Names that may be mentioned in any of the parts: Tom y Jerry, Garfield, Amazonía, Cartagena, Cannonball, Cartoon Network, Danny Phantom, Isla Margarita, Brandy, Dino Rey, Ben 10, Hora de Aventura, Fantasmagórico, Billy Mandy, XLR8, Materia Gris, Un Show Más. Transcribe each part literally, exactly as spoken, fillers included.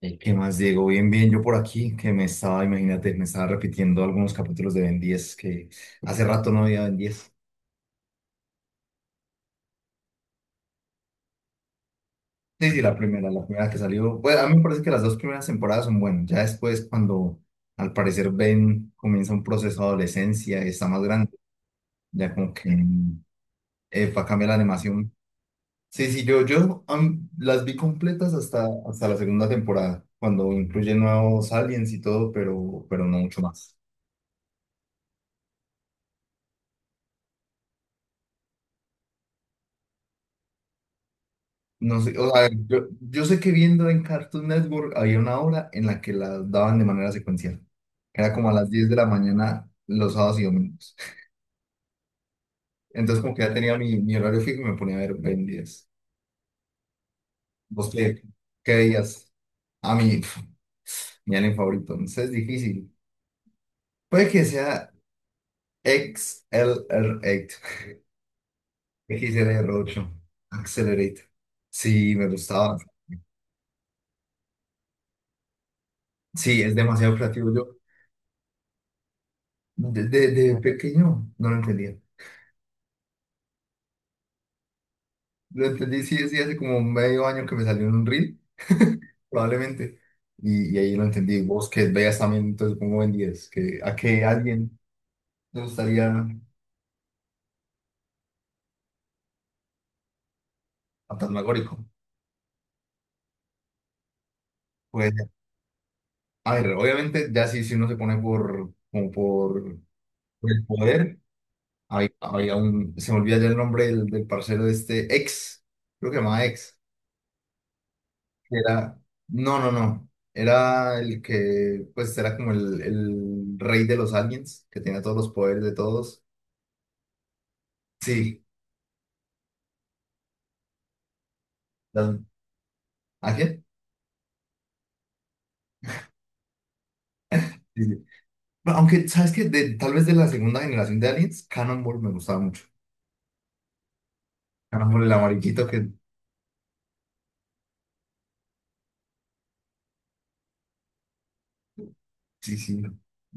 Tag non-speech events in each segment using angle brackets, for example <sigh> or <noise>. Ey, ¿Qué más, Diego? Bien, bien, yo por aquí, que me estaba, imagínate, me estaba repitiendo algunos capítulos de Ben diez que hace rato no había Ben diez. Sí, sí, la primera, la primera que salió. Bueno, a mí me parece que las dos primeras temporadas son buenas. Ya después, cuando al parecer Ben comienza un proceso de adolescencia, está más grande, ya como que mm, eh, va a cambiar la animación. Sí, sí, yo, yo am, las vi completas hasta, hasta la segunda temporada, cuando incluye nuevos aliens y todo, pero, pero no mucho más. No sé, o sea, yo, yo sé que viendo en Cartoon Network había una hora en la que la daban de manera secuencial. Era como a las diez de la mañana los sábados y domingos. Entonces como que ya tenía mi, mi horario fijo y me ponía a ver Ben diez. ¿Vos qué, qué veías? A mí, pf, mi anime favorito. Entonces es difícil. Puede que sea X L R X L R ocho. X L R ocho. <laughs> Accelerate. Sí, me gustaba. Sí, es demasiado creativo. Yo desde, desde pequeño no lo entendía. Lo entendí, sí, sí, hace como medio año que me salió en un reel, <laughs> probablemente. Y, y ahí lo entendí. Vos que veas también, entonces pongo en diez, que a que alguien le gustaría a Fantasmagórico. Pues, a ver, obviamente, ya sí, si uno se pone por, como por, por el poder, hay, había un, se me olvida ya el nombre del, del parcero de este, ex, creo que se llamaba ex, que era, no, no, no, era el que, pues, era como el, el rey de los aliens, que tenía todos los poderes de todos. Sí, las- ¿a quién? Sí, sí. Bueno, aunque, ¿sabes qué? De- tal vez de la segunda generación de Aliens, Cannonball me gustaba mucho. Cannonball, el amarillito que... Sí, sí.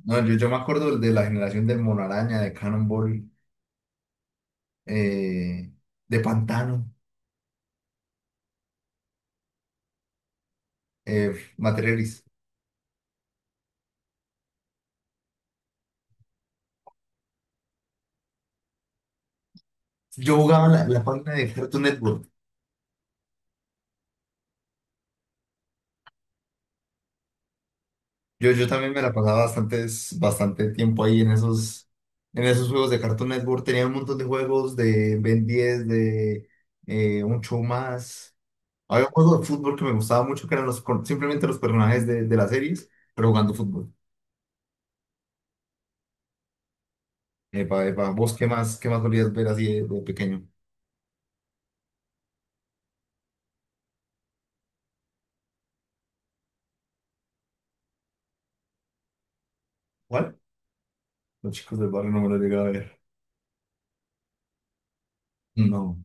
No, yo, yo me acuerdo del de la generación del Mono Araña, de Cannonball, eh, de Pantano, eh, Materia Gris. Yo jugaba la, la página de Cartoon Network. Yo, yo también me la pasaba bastantes, bastante tiempo ahí en esos, en esos juegos de Cartoon Network. Tenía un montón de juegos de Ben diez, de eh, un show más. Había un juego de fútbol que me gustaba mucho, que eran los, con- simplemente los personajes de, de las series, pero jugando fútbol. Epa, epa, ¿vos qué más, qué más solías ver así de, de pequeño? ¿Cuál? Los chicos del barrio no me lo llegué a ver. No,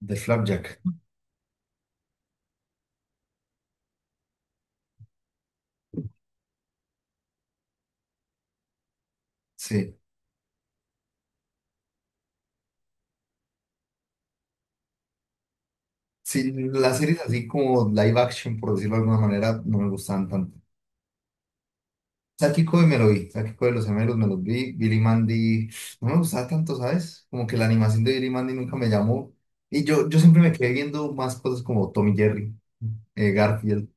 de Flapjack. Sí. Sí, las series así como live action, por decirlo de alguna manera, no me gustaban tanto. Sáquico de me lo vi, Sáquico de los gemelos me los vi, Billy Mandy no me gustaba tanto, ¿sabes? Como que la animación de Billy Mandy nunca me llamó. Y yo, yo siempre me quedé viendo más cosas como Tom y Jerry, eh, Garfield.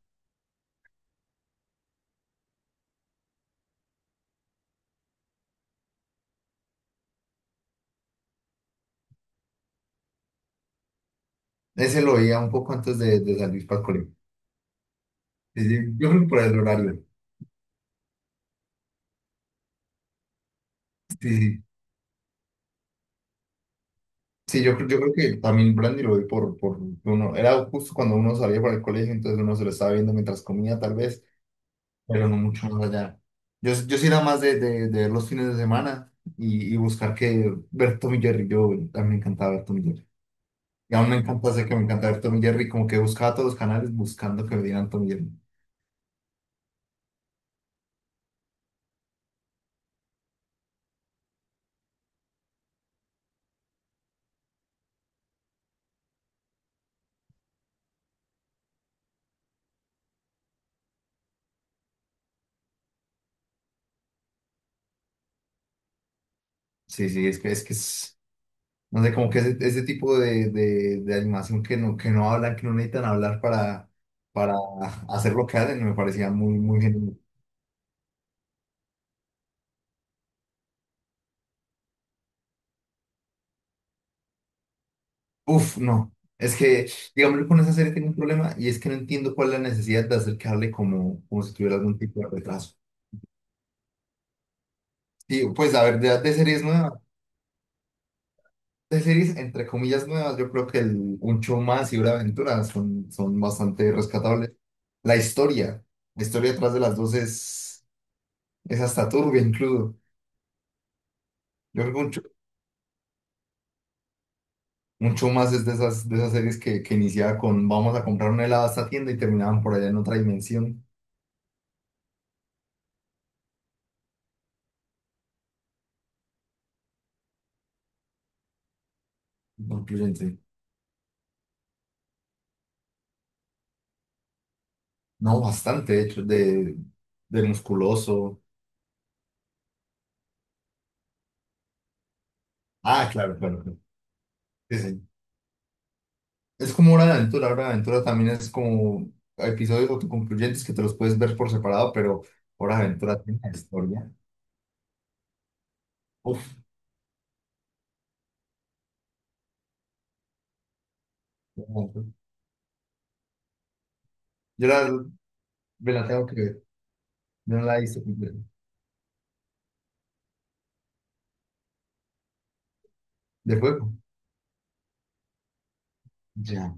Ese lo oía un poco antes de, de salir para el colegio. Sí, sí, yo creo que por el horario. Sí, sí. Sí, yo, creo- yo creo que también Brandy lo vi por, por uno. Era justo cuando uno salía para el colegio, entonces uno se lo estaba viendo mientras comía, tal vez, pero no mucho más allá. Yo, yo sí era más de, de, de ver los fines de semana y, y buscar que ver Tom y Jerry. Yo a mí me encantaba ver Tom y Jerry. Y aún me encanta, sé que me encanta ver Tom y Jerry, como que buscaba todos los canales buscando que me dieran Tom y Jerry. Sí, sí, es que es que es. No sé, como que ese, ese tipo de, de, de animación que no, que no hablan, que no necesitan hablar para, para hacer lo que hacen, me parecía muy, muy genial. Uf, no. Es que, digamos, yo con esa serie tengo un problema y es que no entiendo cuál es la necesidad de acercarle como, como si tuviera algún tipo de retraso. Sí, pues a ver, de, de series nuevas, de series entre comillas nuevas, yo creo que el, Un Show Más y Hora de Aventura son, son bastante rescatables. La historia, la historia detrás de las dos es, es hasta turbia incluso. Yo creo que Un Mucho más es de esas, de esas series que, que iniciaba con vamos a comprar un helado a esta tienda y terminaban por allá en otra dimensión. Concluyente. No, bastante, de hecho, de, de musculoso. Ah, claro, claro. Claro. Sí, sí. Es como Hora de Aventura. Hora de Aventura también es como episodios autoconcluyentes que te los puedes ver por separado, pero Hora de Aventura tiene una historia. Uf, yo la, me la tengo que ver. Yo no la hice completa. De juego. Ya.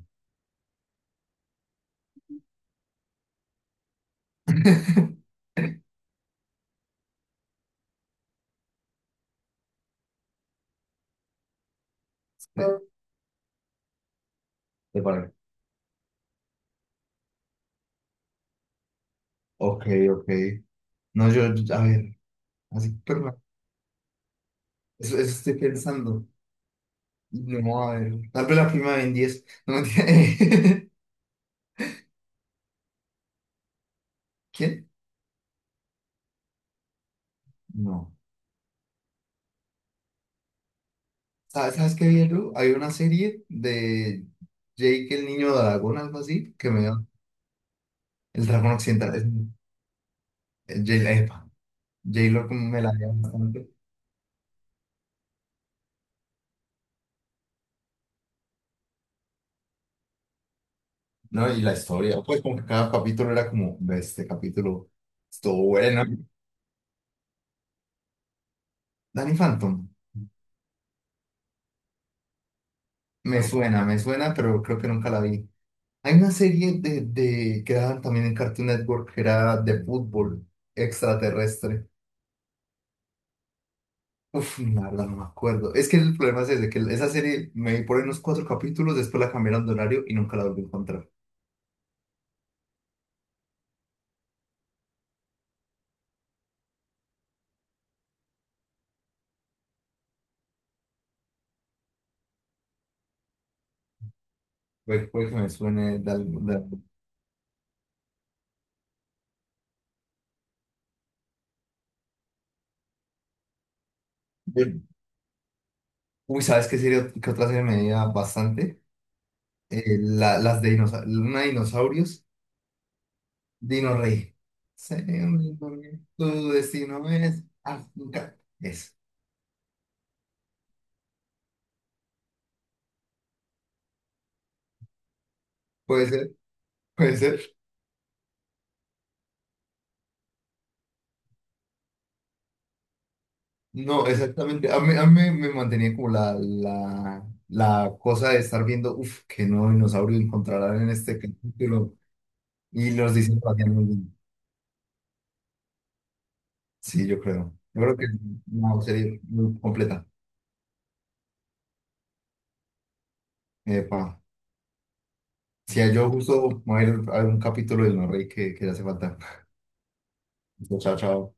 <laughs> De, de parar. Ok, ok. No, yo, a ver. Así que perla, eso, eso estoy pensando. No, a ver, tal vez la prima de Ben diez. No, mentira. <laughs> ¿Quién? No. ¿Sabes, sabes qué vi, Lu? Hay una serie de Jake el niño dragón, algo así, que me dio el dragón occidental. Es, es Jay, la epa, J-Lo como me la dio bastante. No, y la historia, pues como que cada capítulo era como, "Ve, este capítulo estuvo bueno. Danny Phantom, me suena, me suena, pero creo que nunca la vi. Hay una serie de, de que daban también en Cartoon Network que era de fútbol extraterrestre. Uf, la verdad no me acuerdo. Es que el problema es ese, que esa serie me vi por ahí unos cuatro capítulos, después la cambiaron de horario y nunca la volví a encontrar. Puede, puede que me suene de algo. de algo. De- Uy, ¿sabes qué serie, qué otra serie me veía bastante? Eh, la- las de dinosaurios, una de dinosaurios, Dino Rey. Sé un Dino Rey, tu destino es África. Es. Puede ser, puede ser. No, exactamente. A mí, a mí me mantenía como la, la, la cosa de estar viendo, uff, qué nuevo dinosaurio encontrarán en este capítulo. Y los diseños lo hacían muy bien. Sí, yo creo. Yo creo que es una serie muy completa. Epa. Si yo justo voy a ir a ver un capítulo del Norrey que, que le hace falta. Chao, chao.